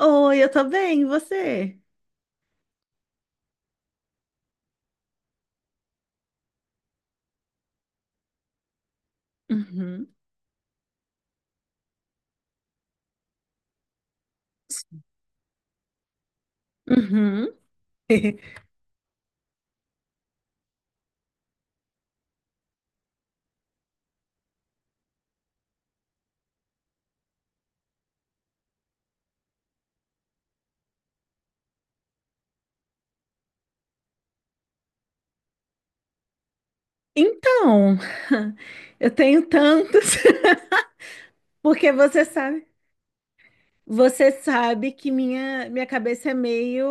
Oi, eu tô bem, e você? Uhum, uhum. Então, eu tenho tantos. Porque você sabe que minha cabeça é meio,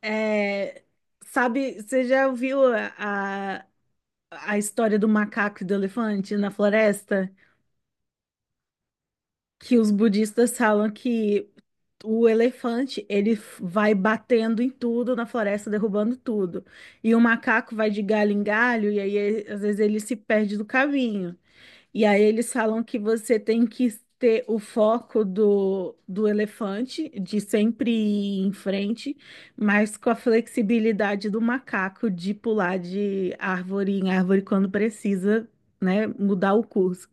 é, sabe, você já ouviu a, a história do macaco e do elefante na floresta? Que os budistas falam que o elefante, ele vai batendo em tudo na floresta, derrubando tudo. E o macaco vai de galho em galho, e aí às vezes ele se perde do caminho. E aí eles falam que você tem que ter o foco do elefante, de sempre ir em frente, mas com a flexibilidade do macaco de pular de árvore em árvore quando precisa, né, mudar o curso.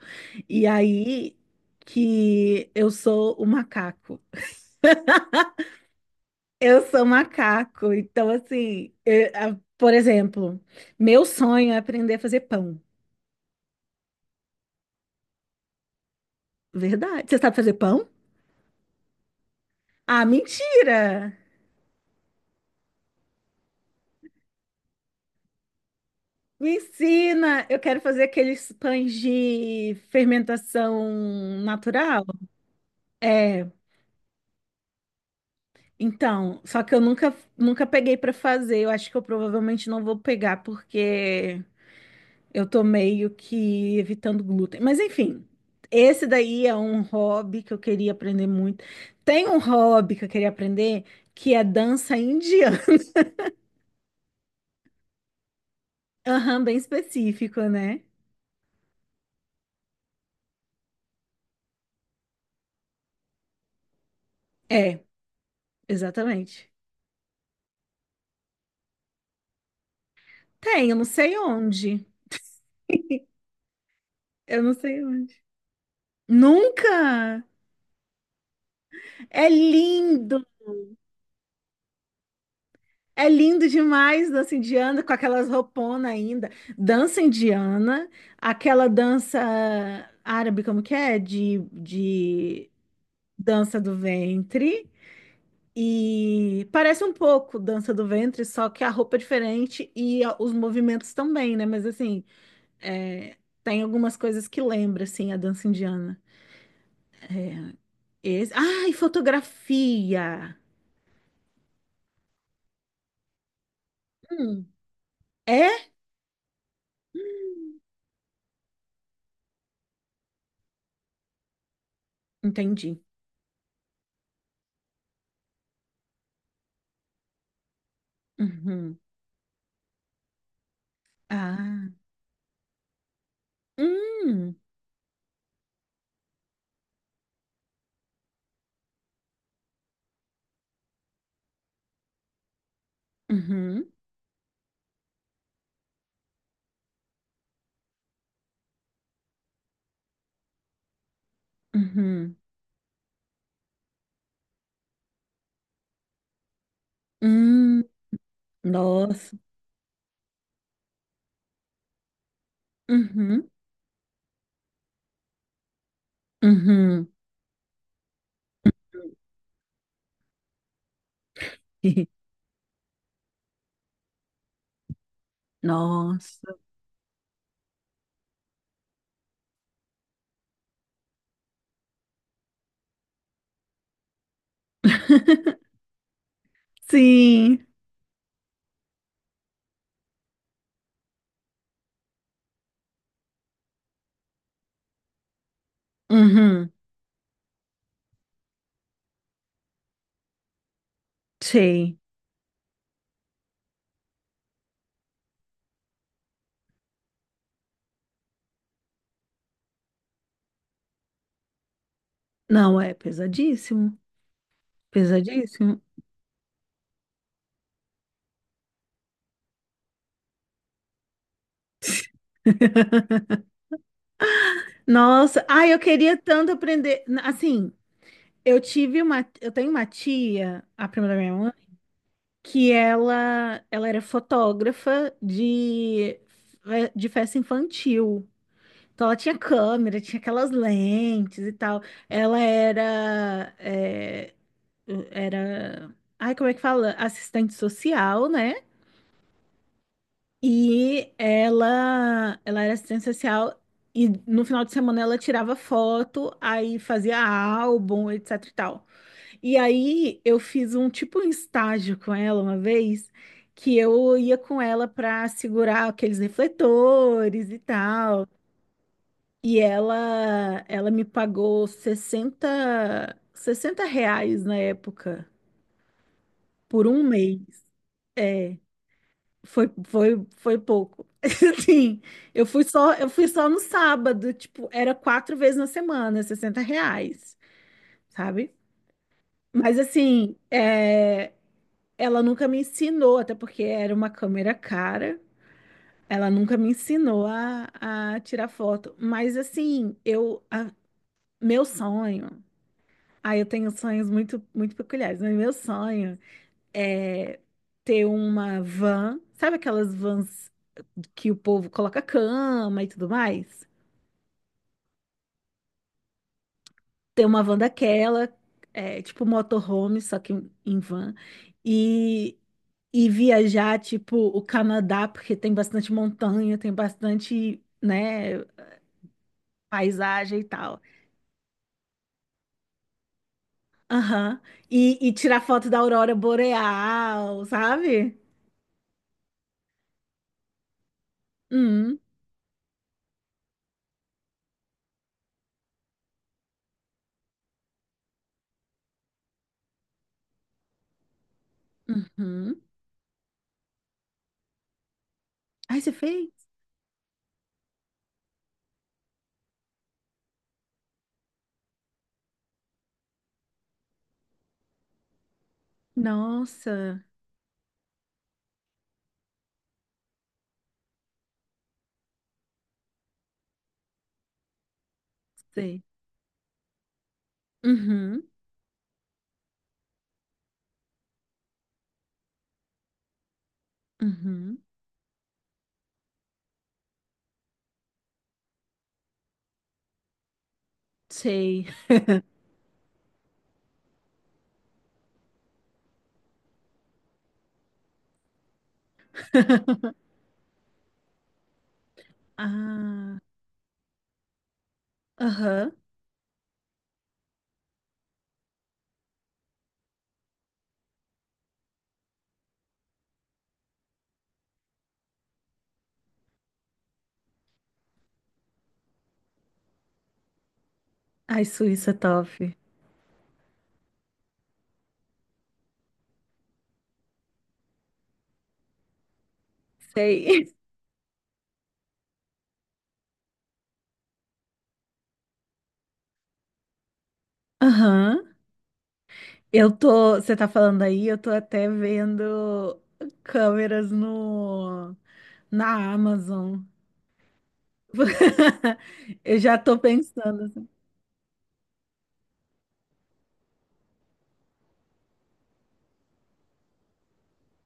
E aí que eu sou o macaco. Eu sou macaco, então assim, por exemplo, meu sonho é aprender a fazer pão. Verdade. Você sabe fazer pão? Ah, mentira! Me ensina! Eu quero fazer aqueles pães de fermentação natural. É, então, só que eu nunca peguei para fazer. Eu acho que eu provavelmente não vou pegar porque eu tô meio que evitando glúten. Mas enfim, esse daí é um hobby que eu queria aprender muito. Tem um hobby que eu queria aprender que é dança indiana. Aham, bem específico, né? É, exatamente. Tem, eu não sei onde. Eu não sei onde. Nunca! É lindo! É lindo demais dança indiana, com aquelas rouponas ainda. Dança indiana, aquela dança árabe, como que é? De Dança do Ventre. E parece um pouco Dança do Ventre, só que a roupa é diferente e os movimentos também, né? Mas assim, é, tem algumas coisas que lembra, assim, a dança indiana. É, esse... Ah, e fotografia! Hum, é? Entendi. Uhum. Ah. Hum. Uhum. Uhum. Hum. Nossa. Uhum. Uhum. Nossa. Sim. Uhum. Sei. Não, é pesadíssimo. Pesadíssimo. Nossa, ai, eu queria tanto aprender. Assim, eu tenho uma tia, a prima da minha mãe, que ela era fotógrafa de, de festa infantil. Então ela tinha câmera, tinha aquelas lentes e tal. Ela era, é, era, ai, como é que fala? Assistente social, né? E ela era assistente social e no final de semana ela tirava foto, aí fazia álbum, etc e tal. E aí eu fiz um tipo um estágio com ela uma vez, que eu ia com ela para segurar aqueles refletores e tal. E ela me pagou 60, 60 reais na época por um mês. É. Foi pouco. Assim, eu fui só no sábado, tipo, era quatro vezes na semana, 60 reais, sabe? Mas assim, é, ela nunca me ensinou, até porque era uma câmera cara, ela nunca me ensinou a tirar foto. Mas assim, meu sonho, ah, eu tenho sonhos muito peculiares, mas meu sonho é ter uma van, sabe aquelas vans que o povo coloca cama e tudo mais. Tem uma van daquela, é, tipo motorhome, só que em van. E, e viajar, tipo, o Canadá, porque tem bastante montanha, tem bastante, né, paisagem e tal. Aham. E tirar foto da aurora boreal, sabe? Hum, uhum. Ai, você fez? Nossa, sei. Uhum, uhum. Sei. Ah, aham. Ai, Suíça top. Sei. Aham. Eu tô. Você tá falando aí, eu tô até vendo câmeras no, na Amazon. Eu já tô pensando assim.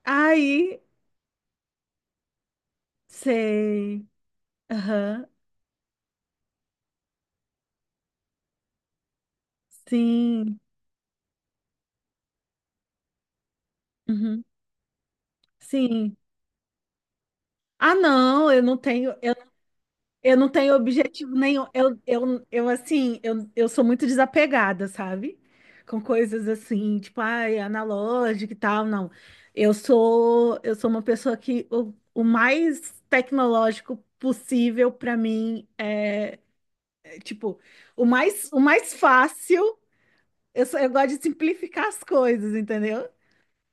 Aí, sei. Aham. Sim. Uhum. Sim. Ah, não, eu não tenho. Eu não tenho objetivo nenhum. Eu sou muito desapegada, sabe? Com coisas assim, tipo, ai, analógica e tal, não. Eu sou uma pessoa que o mais tecnológico possível para mim é, é, tipo, o mais fácil, eu gosto de simplificar as coisas, entendeu?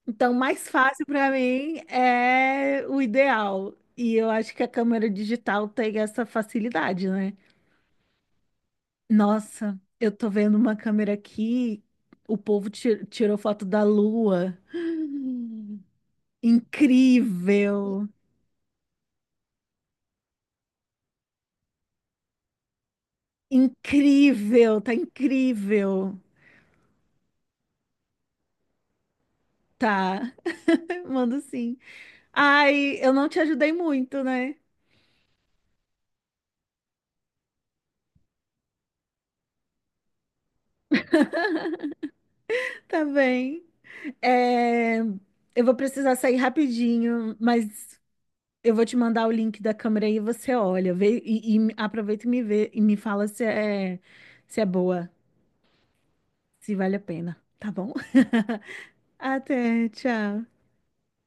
Então, mais fácil para mim é o ideal. E eu acho que a câmera digital tem essa facilidade, né? Nossa, eu tô vendo uma câmera aqui. O povo tirou foto da lua. Incrível! Incrível! Tá incrível! Tá. Mando sim. Ai, eu não te ajudei muito, né? Tá bem. É, eu vou precisar sair rapidinho, mas eu vou te mandar o link da câmera aí e você olha. Vê, e aproveita e me vê e me fala se é, se é boa, se vale a pena, tá bom? Até, tchau.